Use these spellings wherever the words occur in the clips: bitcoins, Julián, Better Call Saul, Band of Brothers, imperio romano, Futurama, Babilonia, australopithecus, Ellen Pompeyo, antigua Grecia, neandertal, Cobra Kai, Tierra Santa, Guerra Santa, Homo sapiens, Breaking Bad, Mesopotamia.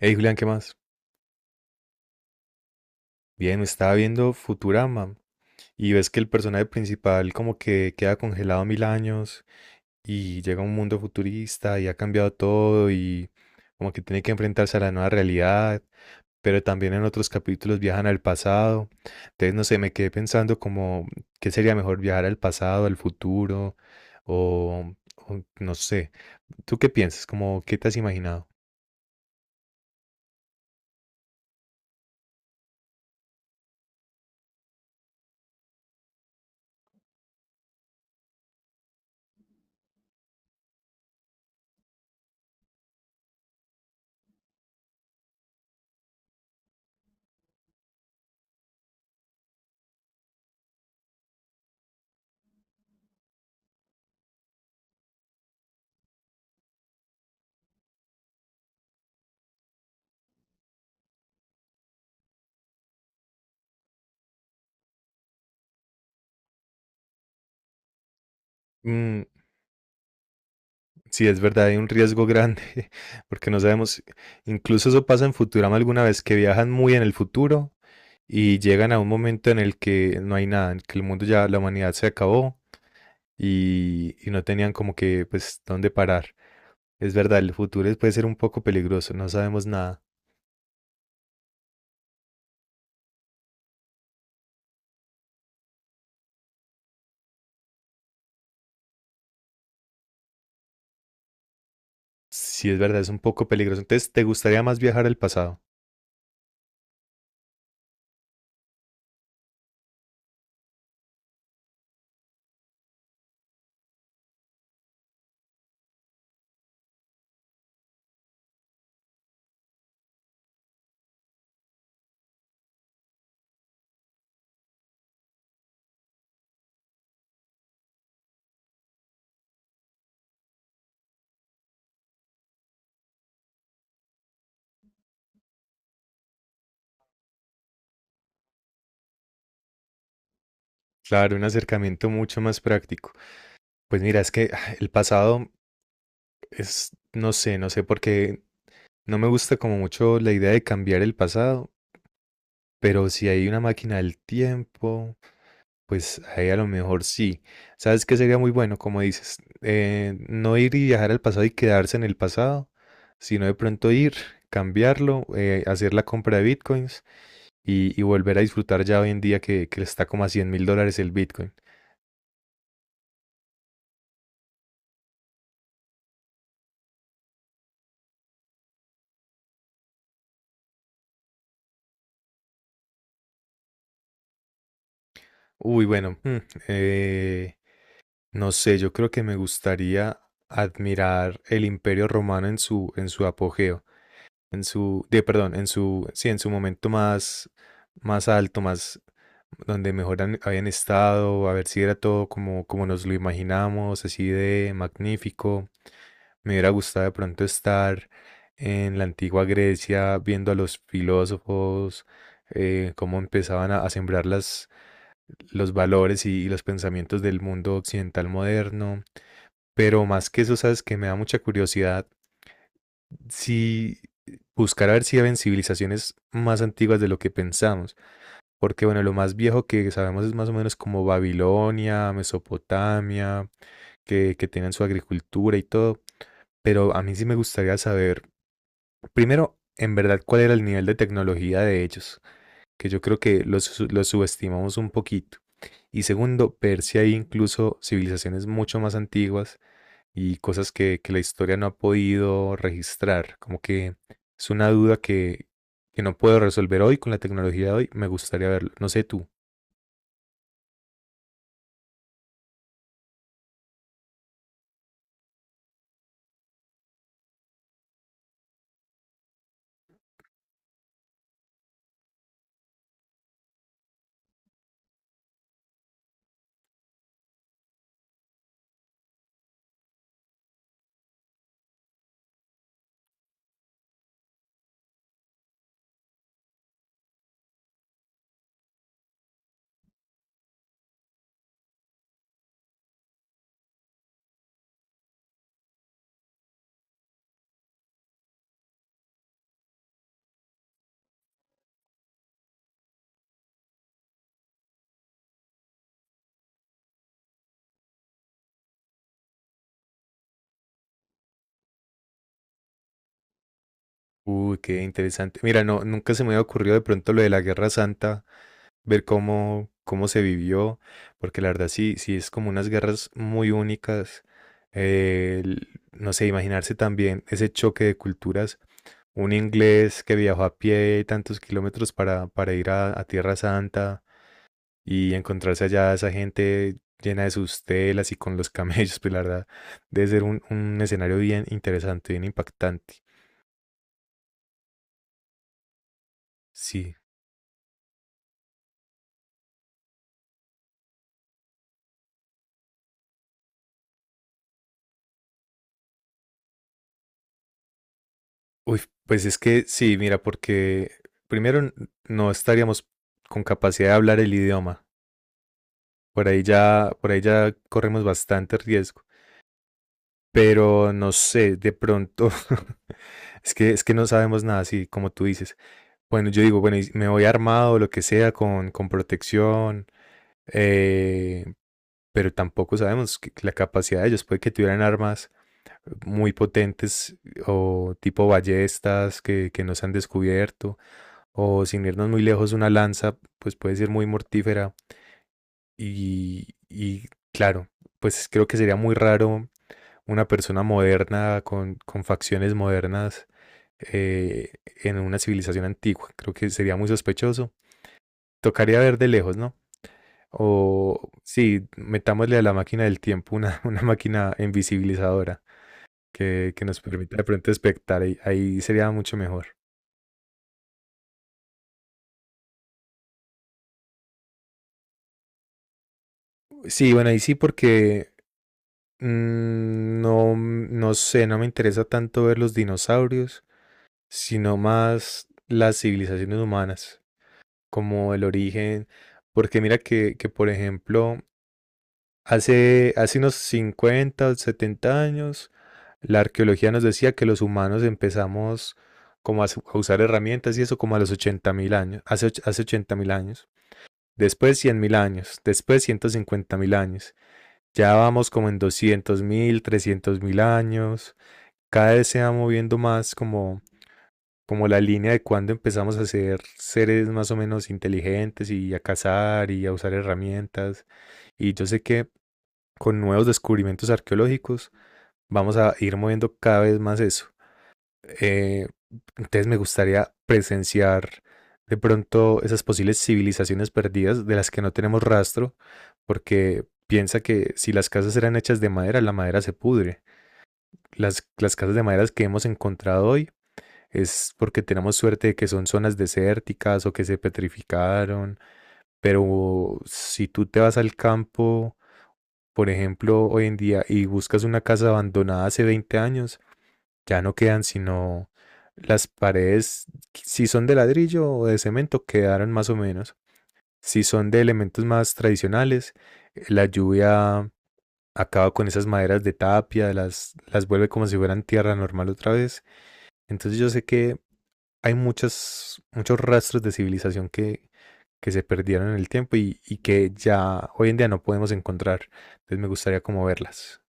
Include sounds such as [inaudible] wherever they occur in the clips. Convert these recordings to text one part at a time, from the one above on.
Hey Julián, ¿qué más? Bien, estaba viendo Futurama y ves que el personaje principal como que queda congelado 1000 años y llega a un mundo futurista y ha cambiado todo y como que tiene que enfrentarse a la nueva realidad, pero también en otros capítulos viajan al pasado. Entonces, no sé, me quedé pensando como qué sería mejor viajar al pasado, al futuro o, o no sé. ¿Tú qué piensas? Como, ¿qué te has imaginado? Sí, es verdad, hay un riesgo grande, [laughs] porque no sabemos, incluso eso pasa en Futurama alguna vez, que viajan muy en el futuro y llegan a un momento en el que no hay nada, en el que el mundo ya, la humanidad se acabó y no tenían como que, pues, dónde parar. Es verdad, el futuro es- puede ser un poco peligroso, no sabemos nada. Sí, es verdad, es un poco peligroso. Entonces, ¿te gustaría más viajar al pasado? Claro, un acercamiento mucho más práctico. Pues mira, es que el pasado es, no sé, no sé por qué. No me gusta como mucho la idea de cambiar el pasado, pero si hay una máquina del tiempo, pues ahí a lo mejor sí. ¿Sabes qué sería muy bueno? Como dices, no ir y viajar al pasado y quedarse en el pasado, sino de pronto ir, cambiarlo, hacer la compra de bitcoins y volver a disfrutar ya hoy en día que está como a $100.000 el bitcoin. Uy, bueno, eh, no sé, yo creo que me gustaría admirar el imperio romano en su apogeo. En su, de, perdón, en su, sí, en su momento más, más alto, más donde mejor habían estado, a ver si era todo como, como nos lo imaginamos, así de magnífico. Me hubiera gustado de pronto estar en la antigua Grecia viendo a los filósofos, cómo empezaban a sembrar las, los valores y los pensamientos del mundo occidental moderno. Pero más que eso, sabes que me da mucha curiosidad si buscar a ver si habían civilizaciones más antiguas de lo que pensamos. Porque, bueno, lo más viejo que sabemos es más o menos como Babilonia, Mesopotamia, que tenían su agricultura y todo. Pero a mí sí me gustaría saber, primero, en verdad, cuál era el nivel de tecnología de ellos, que yo creo que los subestimamos un poquito. Y segundo, ver si hay incluso civilizaciones mucho más antiguas y cosas que la historia no ha podido registrar. Como que es una duda que no puedo resolver hoy con la tecnología de hoy. Me gustaría verlo. No sé tú. Uy, qué interesante. Mira, no, nunca se me había ocurrido de pronto lo de la Guerra Santa, ver cómo, cómo se vivió, porque la verdad sí, sí es como unas guerras muy únicas. No sé, imaginarse también ese choque de culturas. Un inglés que viajó a pie tantos kilómetros para ir a Tierra Santa, y encontrarse allá esa gente llena de sus telas y con los [laughs] camellos, pues la verdad, debe ser un escenario bien interesante, bien impactante. Sí. Uy, pues es que sí, mira, porque primero no estaríamos con capacidad de hablar el idioma. Por ahí ya corremos bastante riesgo. Pero no sé, de pronto, [laughs] es que no sabemos nada, sí, como tú dices. Bueno, yo digo, bueno, y me voy armado, lo que sea, con protección, eh, pero tampoco sabemos que- la capacidad de ellos. Puede que tuvieran armas muy potentes o tipo ballestas que no se han descubierto, o sin irnos muy lejos, una lanza, pues puede ser muy mortífera. Y claro, pues creo que sería muy raro una persona moderna con facciones modernas eh, en una civilización antigua. Creo que sería muy sospechoso. Tocaría ver de lejos, ¿no? O sí, metámosle a la máquina del tiempo una, [laughs] una máquina invisibilizadora que nos permita de pronto espectar. Ahí, ahí sería mucho mejor. Sí, bueno, ahí sí porque no, no sé, no me interesa tanto ver los dinosaurios, sino más las civilizaciones humanas, como el origen. Porque mira que por ejemplo, hace, hace unos 50, o 70 años, la arqueología nos decía que los humanos empezamos como a usar herramientas y eso como a los 80.000 años, hace, hace 80.000 años, después 100.000 años, después 150.000 años, ya vamos como en 200.000, 300.000 años, cada vez se va moviendo más como, como la línea de cuando empezamos a ser seres más o menos inteligentes y a cazar y a usar herramientas. Y yo sé que con nuevos descubrimientos arqueológicos, vamos a ir moviendo cada vez más eso. Eh, entonces me gustaría presenciar de pronto esas posibles civilizaciones perdidas de las que no tenemos rastro, porque piensa que si las casas eran hechas de madera, la madera se pudre. Las casas de madera que hemos encontrado hoy es porque tenemos suerte de que son zonas desérticas o que se petrificaron, pero si tú te vas al campo por ejemplo, hoy en día, y buscas una casa abandonada hace 20 años, ya no quedan sino las paredes, si son de ladrillo o de cemento, quedaron más o menos. Si son de elementos más tradicionales, la lluvia acaba con esas maderas de tapia, las vuelve como si fueran tierra normal otra vez. Entonces yo sé que hay muchos, muchos rastros de civilización que se perdieron en el tiempo y que ya hoy en día no podemos encontrar. Entonces me gustaría como verlas.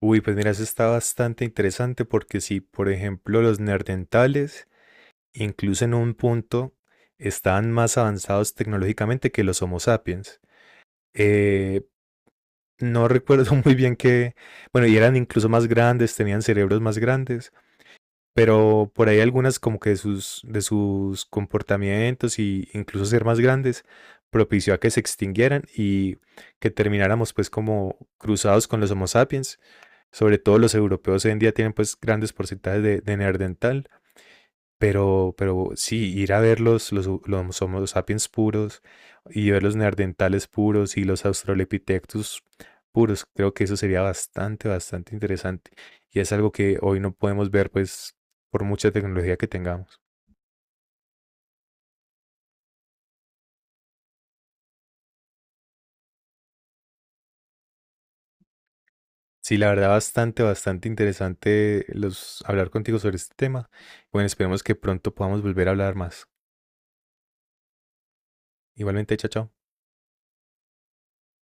Uy, pues mira, eso está bastante interesante porque si, por ejemplo, los neandertales, incluso en un punto, estaban más avanzados tecnológicamente que los Homo sapiens. Eh, no recuerdo [laughs] muy bien qué, bueno, y eran incluso más grandes, tenían cerebros más grandes, pero por ahí algunas como que de sus comportamientos y incluso ser más grandes propició a que se extinguieran y que termináramos pues como cruzados con los Homo sapiens. Sobre todo los europeos hoy en día tienen pues grandes porcentajes de neandertal, pero sí, ir a ver los Homo sapiens puros y ver los neandertales puros y los australopithecus puros, creo que eso sería bastante, bastante interesante. Y es algo que hoy no podemos ver pues por mucha tecnología que tengamos. Sí, la verdad, bastante, bastante interesante los, hablar contigo sobre este tema. Bueno, esperemos que pronto podamos volver a hablar más. Igualmente, chao, chao.